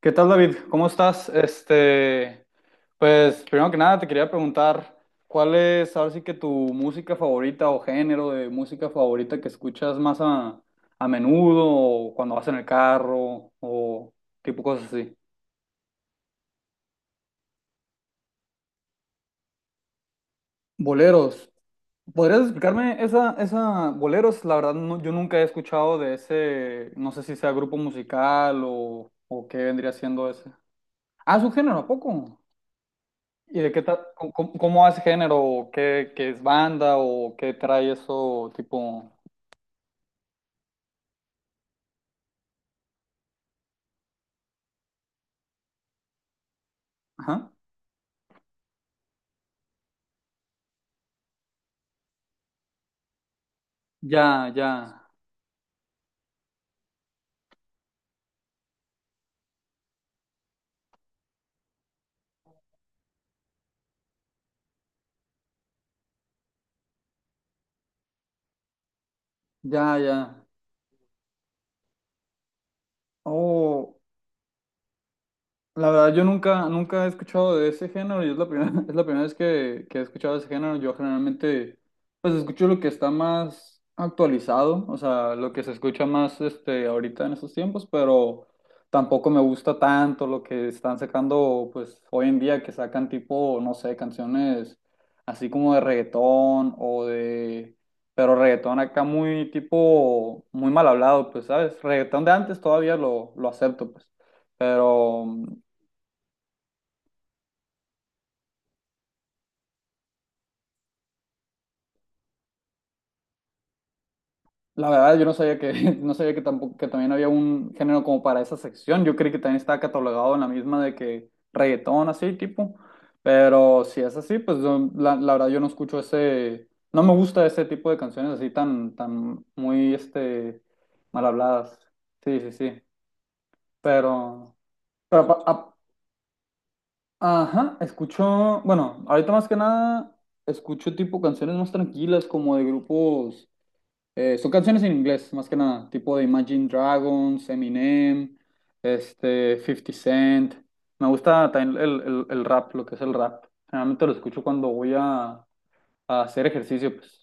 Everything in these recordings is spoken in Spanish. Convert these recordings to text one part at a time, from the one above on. ¿Qué tal, David? ¿Cómo estás? Pues primero que nada te quería preguntar cuál es, ahora sí que, tu música favorita o género de música favorita que escuchas más a menudo, o cuando vas en el carro o tipo cosas así. Boleros. ¿Podrías explicarme esa, boleros? La verdad no- yo nunca he escuchado de ese, no sé si sea grupo musical o qué vendría siendo ese. Ah, es un género, ¿a poco? ¿Y de qué tal? ¿Cómo- hace género? ¿O qué, qué es banda? ¿O qué trae eso tipo? Ajá. Ya, ya, ya, ya. Oh, la verdad, yo nunca, nunca he escuchado de ese género y es la primera, es la primera vez que he escuchado de ese género. Yo generalmente, pues, escucho lo que está más actualizado, o sea, lo que se escucha más, este, ahorita en estos tiempos, pero tampoco me gusta tanto lo que están sacando, pues, hoy en día, que sacan tipo, no sé, canciones así como de reggaetón o de, pero reggaetón acá muy tipo, muy mal hablado, pues, ¿sabes? Reggaetón de antes todavía lo acepto, pues. Pero la verdad, yo no sabía que, no sabía que tampoco, que también había un género como para esa sección. Yo creí que también estaba catalogado en la misma de que reggaetón, así tipo. Pero si es así, pues yo- la verdad yo no escucho ese, no me gusta ese tipo de canciones así tan, tan muy, este, mal habladas. Sí, sí, sí. Pero, pero, pa- a- ajá, escucho, bueno, ahorita más que nada escucho tipo canciones más tranquilas como de grupos. Son canciones en inglés, más que nada, tipo de Imagine Dragons, Eminem, este, Fifty Cent. Me gusta también el rap, lo que es el rap. Generalmente lo escucho cuando voy a hacer ejercicio, pues.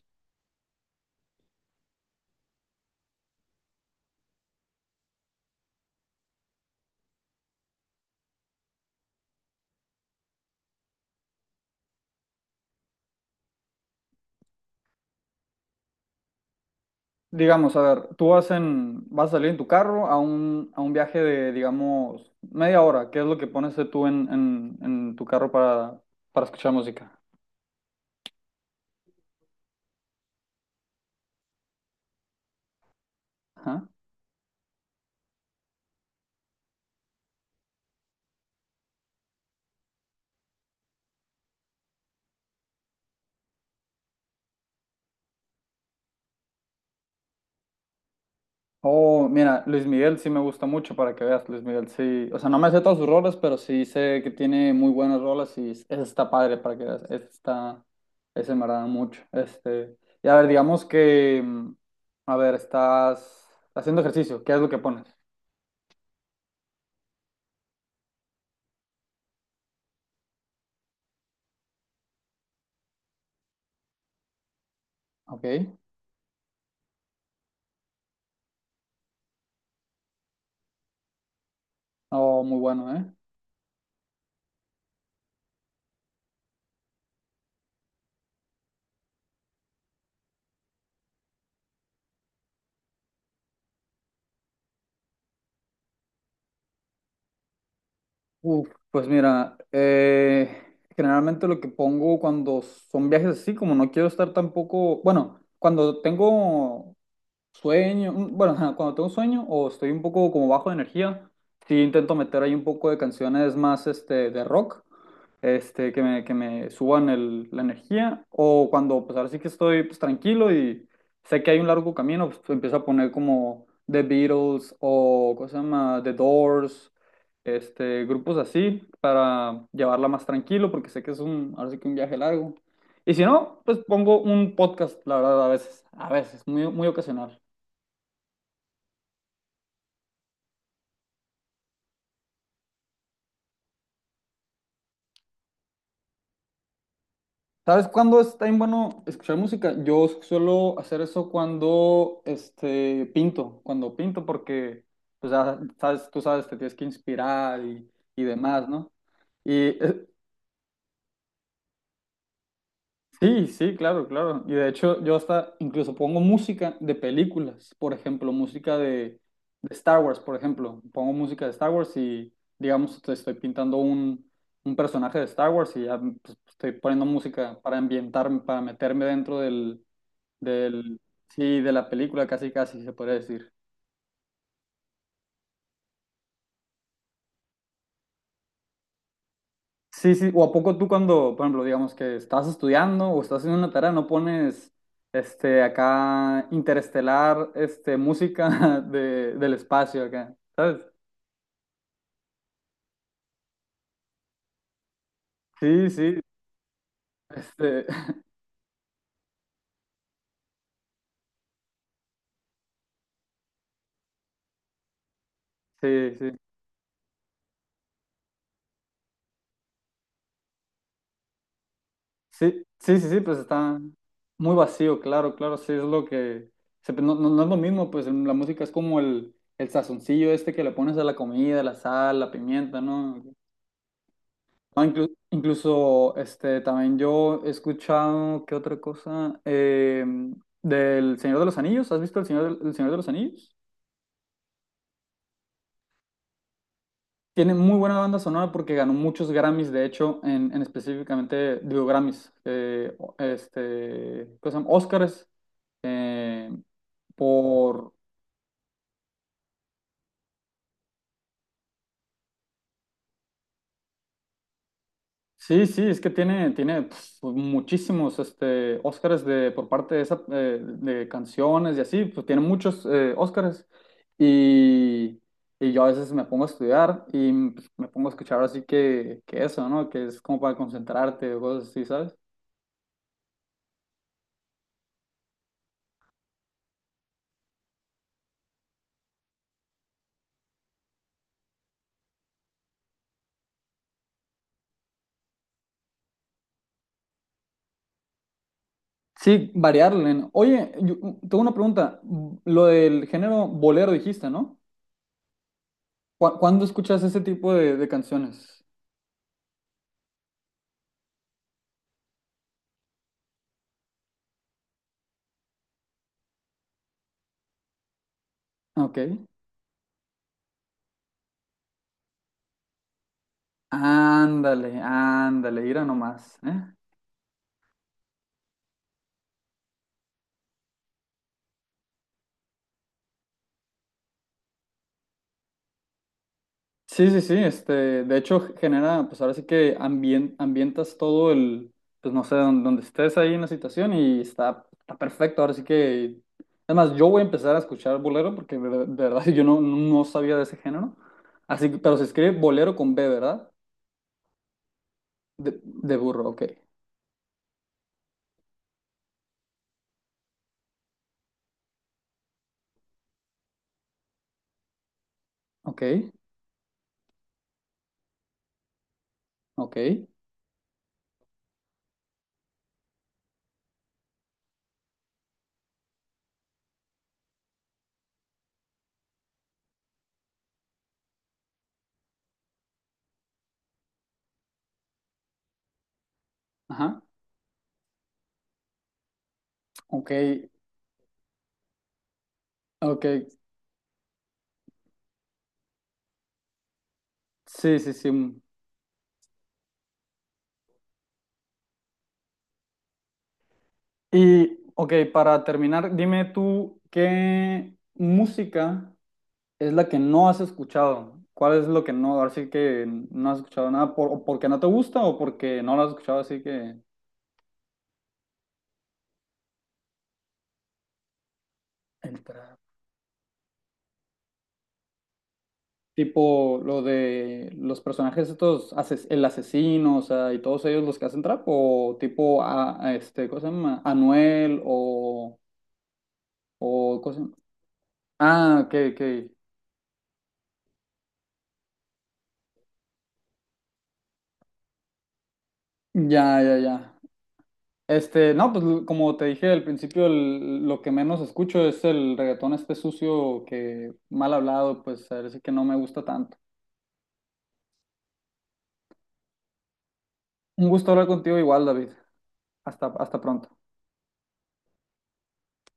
Digamos, a ver, tú vas en, vas a salir en tu carro a un viaje de, digamos, media hora. ¿Qué es lo que pones tú en tu carro para escuchar música? Oh, mira, Luis Miguel sí me gusta mucho, para que veas, Luis Miguel sí, o sea, no me sé todas sus rolas, pero sí sé que tiene muy buenas rolas y es- esa está padre, para que veas, esa está, ese me agrada mucho, este, y a ver, digamos que, a ver, estás haciendo ejercicio, ¿qué es lo que pones? Ok, oh, muy bueno, ¿eh? Uf, pues mira, generalmente lo que pongo cuando son viajes así, como no quiero estar tampoco, bueno, cuando tengo sueño, bueno, ajá, cuando tengo sueño o estoy un poco como bajo de energía, sí intento meter ahí un poco de canciones más este, de rock, este, que me suban el- la energía, o cuando pues ahora sí que estoy pues, tranquilo y sé que hay un largo camino, pues empiezo a poner como The Beatles o ¿cómo se llama? The Doors, este, grupos así para llevarla más tranquilo, porque sé que es un, ahora sí que un viaje largo. Y si no, pues pongo un podcast, la verdad, a veces, muy, muy ocasional. ¿Sabes cuándo está bien bueno escuchar música? Yo suelo hacer eso cuando este, pinto, cuando pinto, porque pues, ya sabes, tú sabes, te tienes que inspirar y demás, ¿no? Y eh, sí, sí, claro, claro. Y de hecho, yo hasta incluso pongo música de películas, por ejemplo, música de Star Wars, por ejemplo. Pongo música de Star Wars y, digamos, te estoy pintando un personaje de Star Wars, y ya pues, estoy poniendo música para ambientarme, para meterme dentro del del, sí, de la película, casi casi se podría decir. Sí, sí, o a poco tú cuando, por ejemplo, digamos que estás estudiando o estás haciendo una tarea, no pones este acá interestelar, este música de, del espacio acá, ¿sabes? Sí, sí, este, sí, sí, sí, sí, sí, sí, pues está muy vacío, claro, claro, sí es lo que, se- no, no, no es lo mismo, pues la música es como el sazoncillo este que le pones a la comida, la sal, la pimienta, ¿no? No, inclu- incluso este, también yo he escuchado, ¿qué otra cosa? Del Señor de los Anillos. ¿Has visto El Señor, del- El Señor de los Anillos? Tiene muy buena banda sonora porque ganó muchos Grammys, de hecho, en específicamente, digo Grammys, o- este, ¿cómo se llama? Oscars, eh, por, sí, sí, es que tiene, tiene pf, muchísimos este, Óscares de, por parte de, esa, de canciones y así, pues tiene muchos Óscares. Y, y yo a veces me pongo a estudiar y pues, me pongo a escuchar así que eso, ¿no? Que es como para concentrarte o cosas así, ¿sabes? Sí, variarle, ¿no? Oye, yo, tengo una pregunta. Lo del género bolero dijiste, ¿no? ¿Cu- ¿Cuándo escuchas ese tipo de canciones? Ok. Ándale, ándale, mira nomás, ¿eh? Sí, sí, sí, este, de hecho genera, pues ahora sí que ambien- ambientas todo el, pues no sé, don- donde, estés ahí en la situación y está, está perfecto, ahora sí que, además yo voy a empezar a escuchar bolero, porque de verdad yo no, no sabía de ese género, así que, pero se escribe bolero con B, ¿verdad? De burro, ok, ok, ok, ajá, ok, ok, sí, sí, sí, y ok, para terminar, dime tú qué música es la que no has escuchado. ¿Cuál es lo que no? Ahora sí que no has escuchado nada, por, o porque no te gusta o porque no lo has escuchado, así que... El trap. Tipo lo de los personajes estos, ases- el asesino, o sea, y todos ellos los que hacen trap, o tipo, a este, ¿cómo se llama? Anuel, o, ¿cómo se llama? Ah, ok, ok. Ya, ya, ya. Este, no, pues l- como te dije al principio, el- lo que menos escucho es el reggaetón este sucio que mal hablado, pues a ver, sí que no me gusta tanto. Un gusto hablar contigo igual, David. Hasta, hasta pronto.